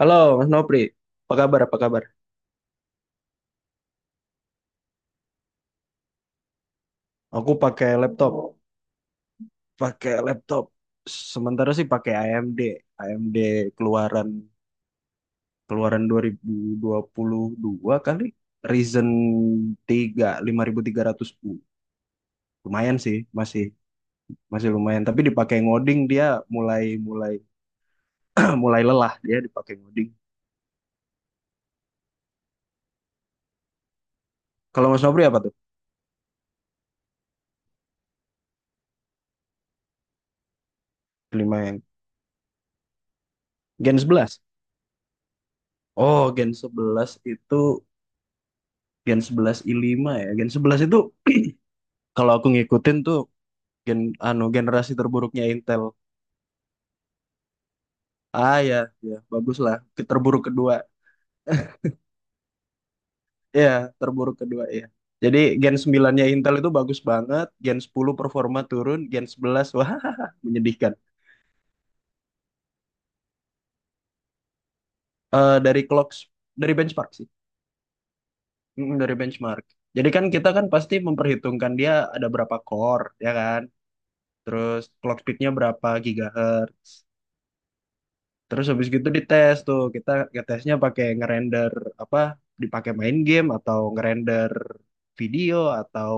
Halo, Mas Nopri. Apa kabar? Apa kabar? Aku pakai laptop, pakai laptop. Sementara sih pakai AMD, AMD keluaran keluaran 2022 kali. Ryzen 3 5300U. Lumayan sih, masih masih lumayan, tapi dipakai ngoding dia mulai mulai mulai lelah dia dipakai ngoding. Kalau Mas Nopri apa tuh? Kelima yang Gen 11. Oh, Gen 11 i5 ya. Gen 11 itu kalau aku ngikutin tuh gen generasi terburuknya Intel. Ah ya, ya bagus lah. Terburuk kedua. Ya, terburuk kedua ya. Jadi Gen 9-nya Intel itu bagus banget, Gen 10 performa turun, Gen 11 wah menyedihkan. Eh dari clock dari benchmark sih. Dari benchmark. Jadi kan kita kan pasti memperhitungkan dia ada berapa core, ya kan? Terus clock speed-nya berapa gigahertz. Terus habis gitu dites tuh, kita ngetesnya pakai ngerender apa, dipakai main game atau ngerender video atau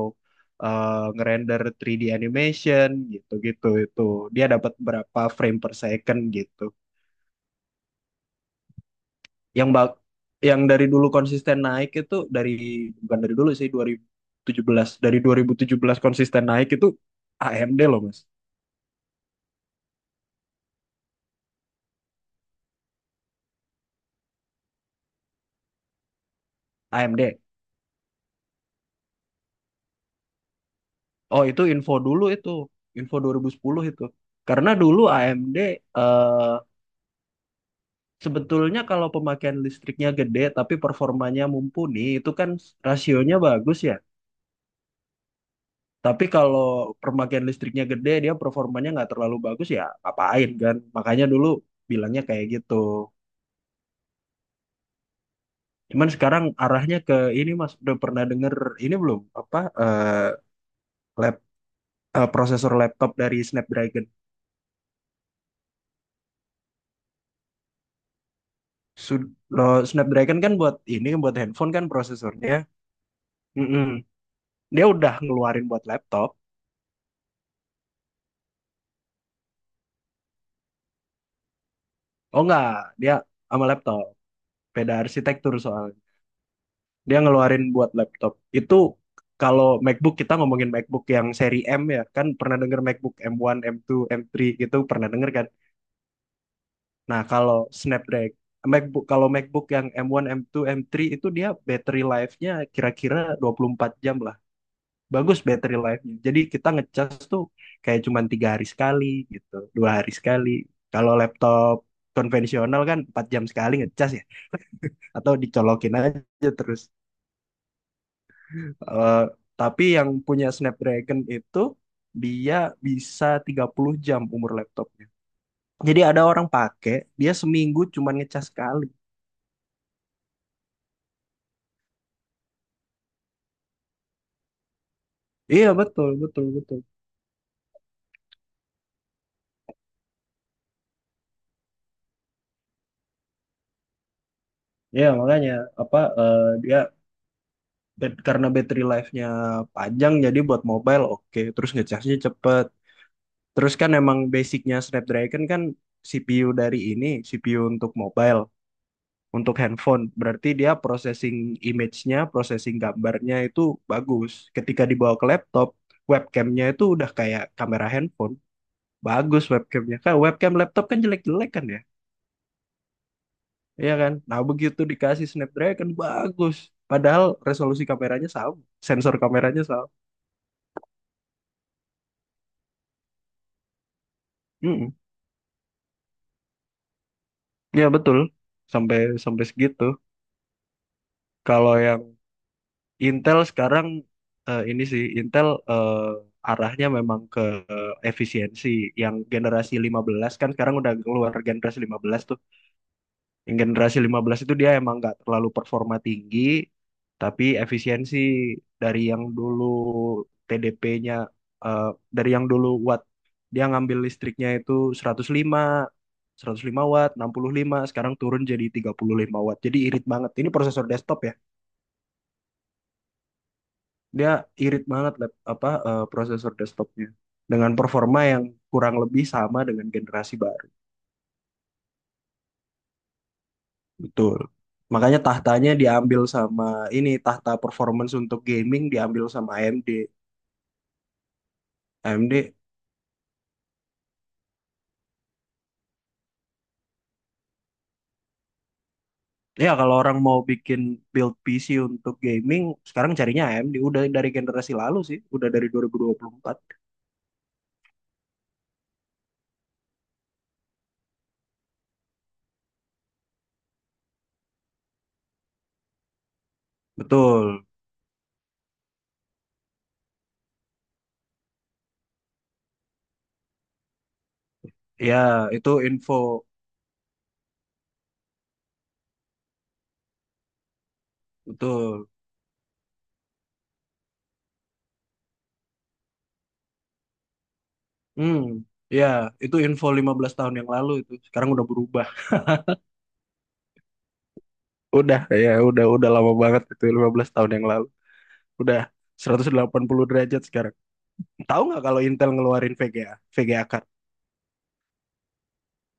eh, ngerender 3D animation gitu-gitu itu. Dia dapat berapa frame per second gitu. Yang bak yang dari dulu konsisten naik itu bukan dari dulu sih dua ribu tujuh belas dari 2017 konsisten naik itu AMD loh Mas. AMD. Oh, itu info dulu itu. Info 2010 itu. Karena dulu AMD eh, Sebetulnya kalau pemakaian listriknya gede tapi performanya mumpuni itu kan rasionya bagus ya. Tapi kalau pemakaian listriknya gede dia performanya nggak terlalu bagus ya ngapain kan. Makanya dulu bilangnya kayak gitu. Cuman sekarang arahnya ke ini Mas udah pernah denger ini belum apa lap prosesor laptop dari Snapdragon. Snapdragon kan buat ini buat handphone kan prosesornya. Mm-mm. Dia udah ngeluarin buat laptop. Oh enggak, dia sama laptop. Beda arsitektur soalnya. Dia ngeluarin buat laptop. Itu kalau MacBook kita ngomongin MacBook yang seri M ya, kan pernah denger MacBook M1, M2, M3 gitu pernah denger kan. Nah, Snapdragon kalau MacBook yang M1, M2, M3 itu dia battery life-nya kira-kira 24 jam lah. Bagus battery life-nya. Jadi kita ngecas tuh kayak cuma 3 hari sekali gitu, 2 hari sekali. Kalau laptop konvensional kan 4 jam sekali ngecas ya, atau dicolokin aja terus. Eh, tapi yang punya Snapdragon itu dia bisa 30 jam umur laptopnya. Jadi ada orang pakai, dia seminggu cuman ngecas sekali. Iya betul betul betul. Iya makanya dia karena battery life-nya panjang jadi buat mobile oke, terus ngecasnya cepet. Terus kan emang basicnya Snapdragon kan CPU untuk mobile. Untuk handphone. Berarti dia processing image-nya, processing gambarnya itu bagus. Ketika dibawa ke laptop, webcamnya itu udah kayak kamera handphone. Bagus webcamnya. Kan webcam laptop kan jelek-jelek kan ya? Iya kan? Nah begitu dikasih Snapdragon, bagus. Padahal resolusi kameranya sama, sensor kameranya sama. Mm-mm. Ya betul, sampai sampai segitu. Kalau yang Intel sekarang ini sih Intel arahnya memang ke efisiensi yang generasi 15 kan sekarang udah keluar generasi 15 tuh. Yang generasi 15 itu dia emang nggak terlalu performa tinggi tapi efisiensi dari yang dulu TDP-nya eh, dari yang dulu watt dia ngambil listriknya itu seratus lima 105 watt, 65 sekarang turun jadi 35 watt. Jadi irit banget. Ini prosesor desktop ya. Dia irit banget prosesor desktopnya dengan performa yang kurang lebih sama dengan generasi baru. Betul. Makanya tahtanya diambil sama tahta performance untuk gaming diambil sama AMD. AMD ya kalau orang mau bikin build PC untuk gaming sekarang carinya AMD udah dari generasi lalu sih, udah dari dua 2024. Betul. Ya, itu info betul. Hmm, ya, itu info 15 tahun yang lalu itu. Sekarang udah berubah. Udah ya, udah lama banget itu 15 tahun yang lalu. Udah 180 derajat sekarang. Tahu nggak kalau Intel ngeluarin VGA, VGA card?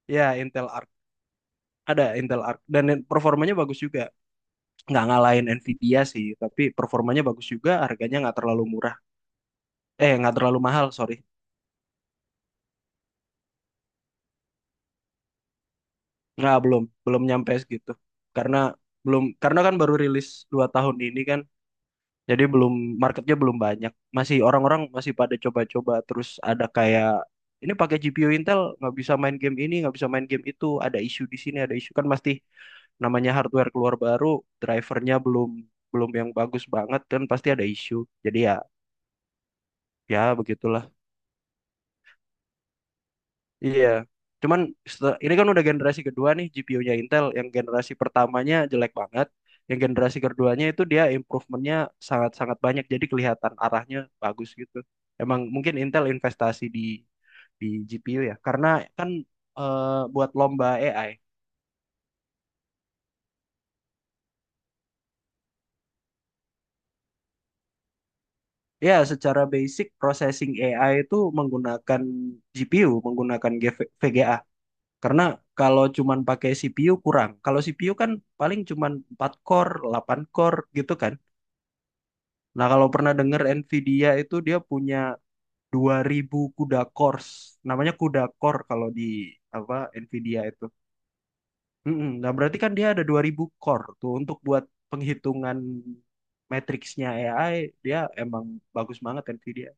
Ya, Intel Arc. Ada Intel Arc dan performanya bagus juga. Nggak ngalahin Nvidia sih, tapi performanya bagus juga, harganya nggak terlalu murah. Eh, nggak terlalu mahal, sorry. Nggak, belum nyampe segitu. Karena belum karena kan baru rilis 2 tahun ini kan. Jadi belum marketnya belum banyak. Orang-orang masih pada coba-coba terus ada kayak ini pakai GPU Intel nggak bisa main game ini, nggak bisa main game itu, ada isu di sini, ada isu kan pasti namanya hardware keluar baru, drivernya belum belum yang bagus banget kan pasti ada isu. Jadi ya begitulah. Iya. Cuman ini kan udah generasi kedua nih GPU-nya Intel. Yang generasi pertamanya jelek banget. Yang generasi keduanya itu dia improvementnya sangat-sangat banyak. Jadi kelihatan arahnya bagus gitu. Emang mungkin Intel investasi di GPU ya. Karena kan eh, buat lomba AI. Ya, secara basic processing AI itu menggunakan GPU, menggunakan GV VGA. Karena kalau cuman pakai CPU kurang. Kalau CPU kan paling cuman 4 core, 8 core gitu kan. Nah, kalau pernah dengar Nvidia itu dia punya 2.000 kuda cores. Namanya kuda core kalau di apa Nvidia itu. Mm-mm. Nah, berarti kan dia ada 2.000 core tuh untuk buat penghitungan matriksnya AI, dia emang bagus banget Nvidia.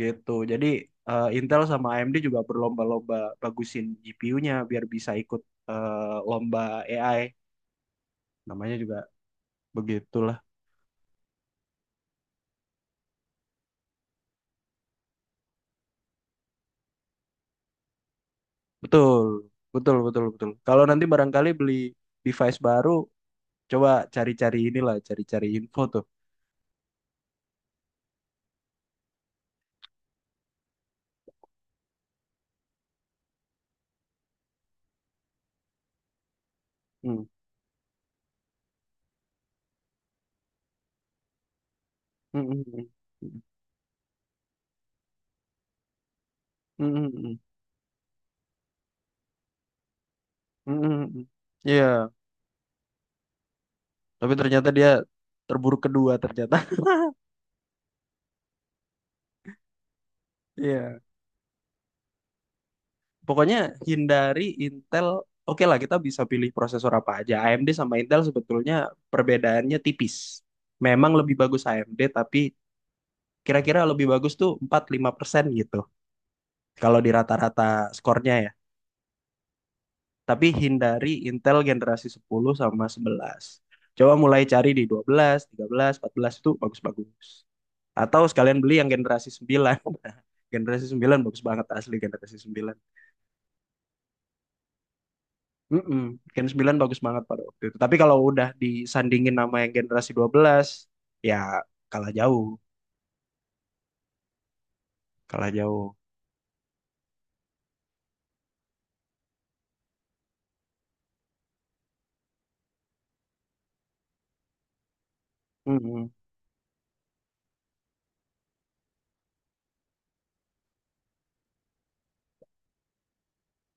Gitu. Jadi Intel sama AMD juga berlomba-lomba bagusin GPU-nya biar bisa ikut lomba AI. Namanya juga begitulah. Betul. Betul, betul, betul. Kalau nanti barangkali beli device baru. Coba cari-cari inilah, cari-cari info tuh. Hmm. Hmm, hmm, hmm. Hmm, hmm, hmm. Hmm, hmm, hmm. Iya, tapi ternyata dia terburuk kedua ternyata. Iya. Pokoknya hindari Intel. Oke lah, kita bisa pilih prosesor apa aja. AMD sama Intel sebetulnya perbedaannya tipis. Memang lebih bagus AMD, tapi kira-kira lebih bagus tuh 4-5% gitu. Kalau di rata-rata skornya ya. Tapi hindari Intel generasi 10 sama 11. Coba mulai cari di 12, 13, 14 itu bagus-bagus. Atau sekalian beli yang generasi 9. Generasi 9 bagus banget asli generasi 9. Mm-mm. Gen 9 bagus banget pada waktu itu. Tapi kalau udah disandingin nama yang generasi 12, ya kalah jauh, kalah jauh. Mm-mm.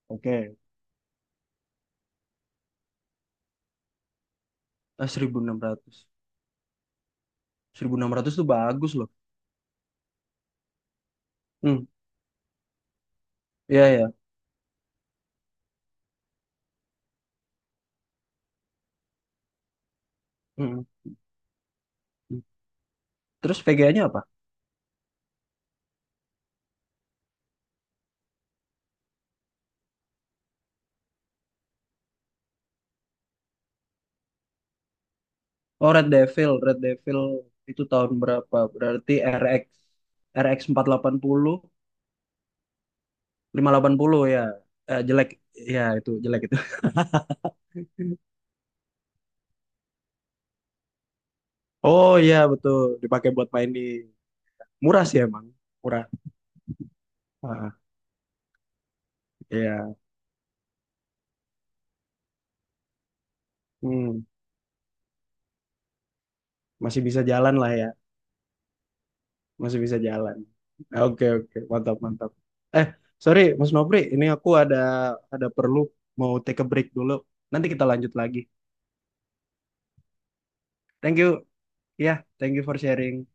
Oke. Eh, 1600. 1600 tuh bagus loh. Hmm. Iya, ya. Terus VGA-nya apa? Oh, Red Devil, Red Devil itu tahun berapa? Berarti RX RX 480, 580 ya. Eh, jelek ya itu jelek itu. Oh iya betul, dipakai buat main di murah sih emang, murah. Ah, iya. Hmm, masih bisa jalan lah ya, masih bisa jalan. Oke oke, mantap mantap. Eh, sorry Mas Nopri, ini aku ada perlu mau take a break dulu. Nanti kita lanjut lagi. Thank you. Ya, thank you for sharing.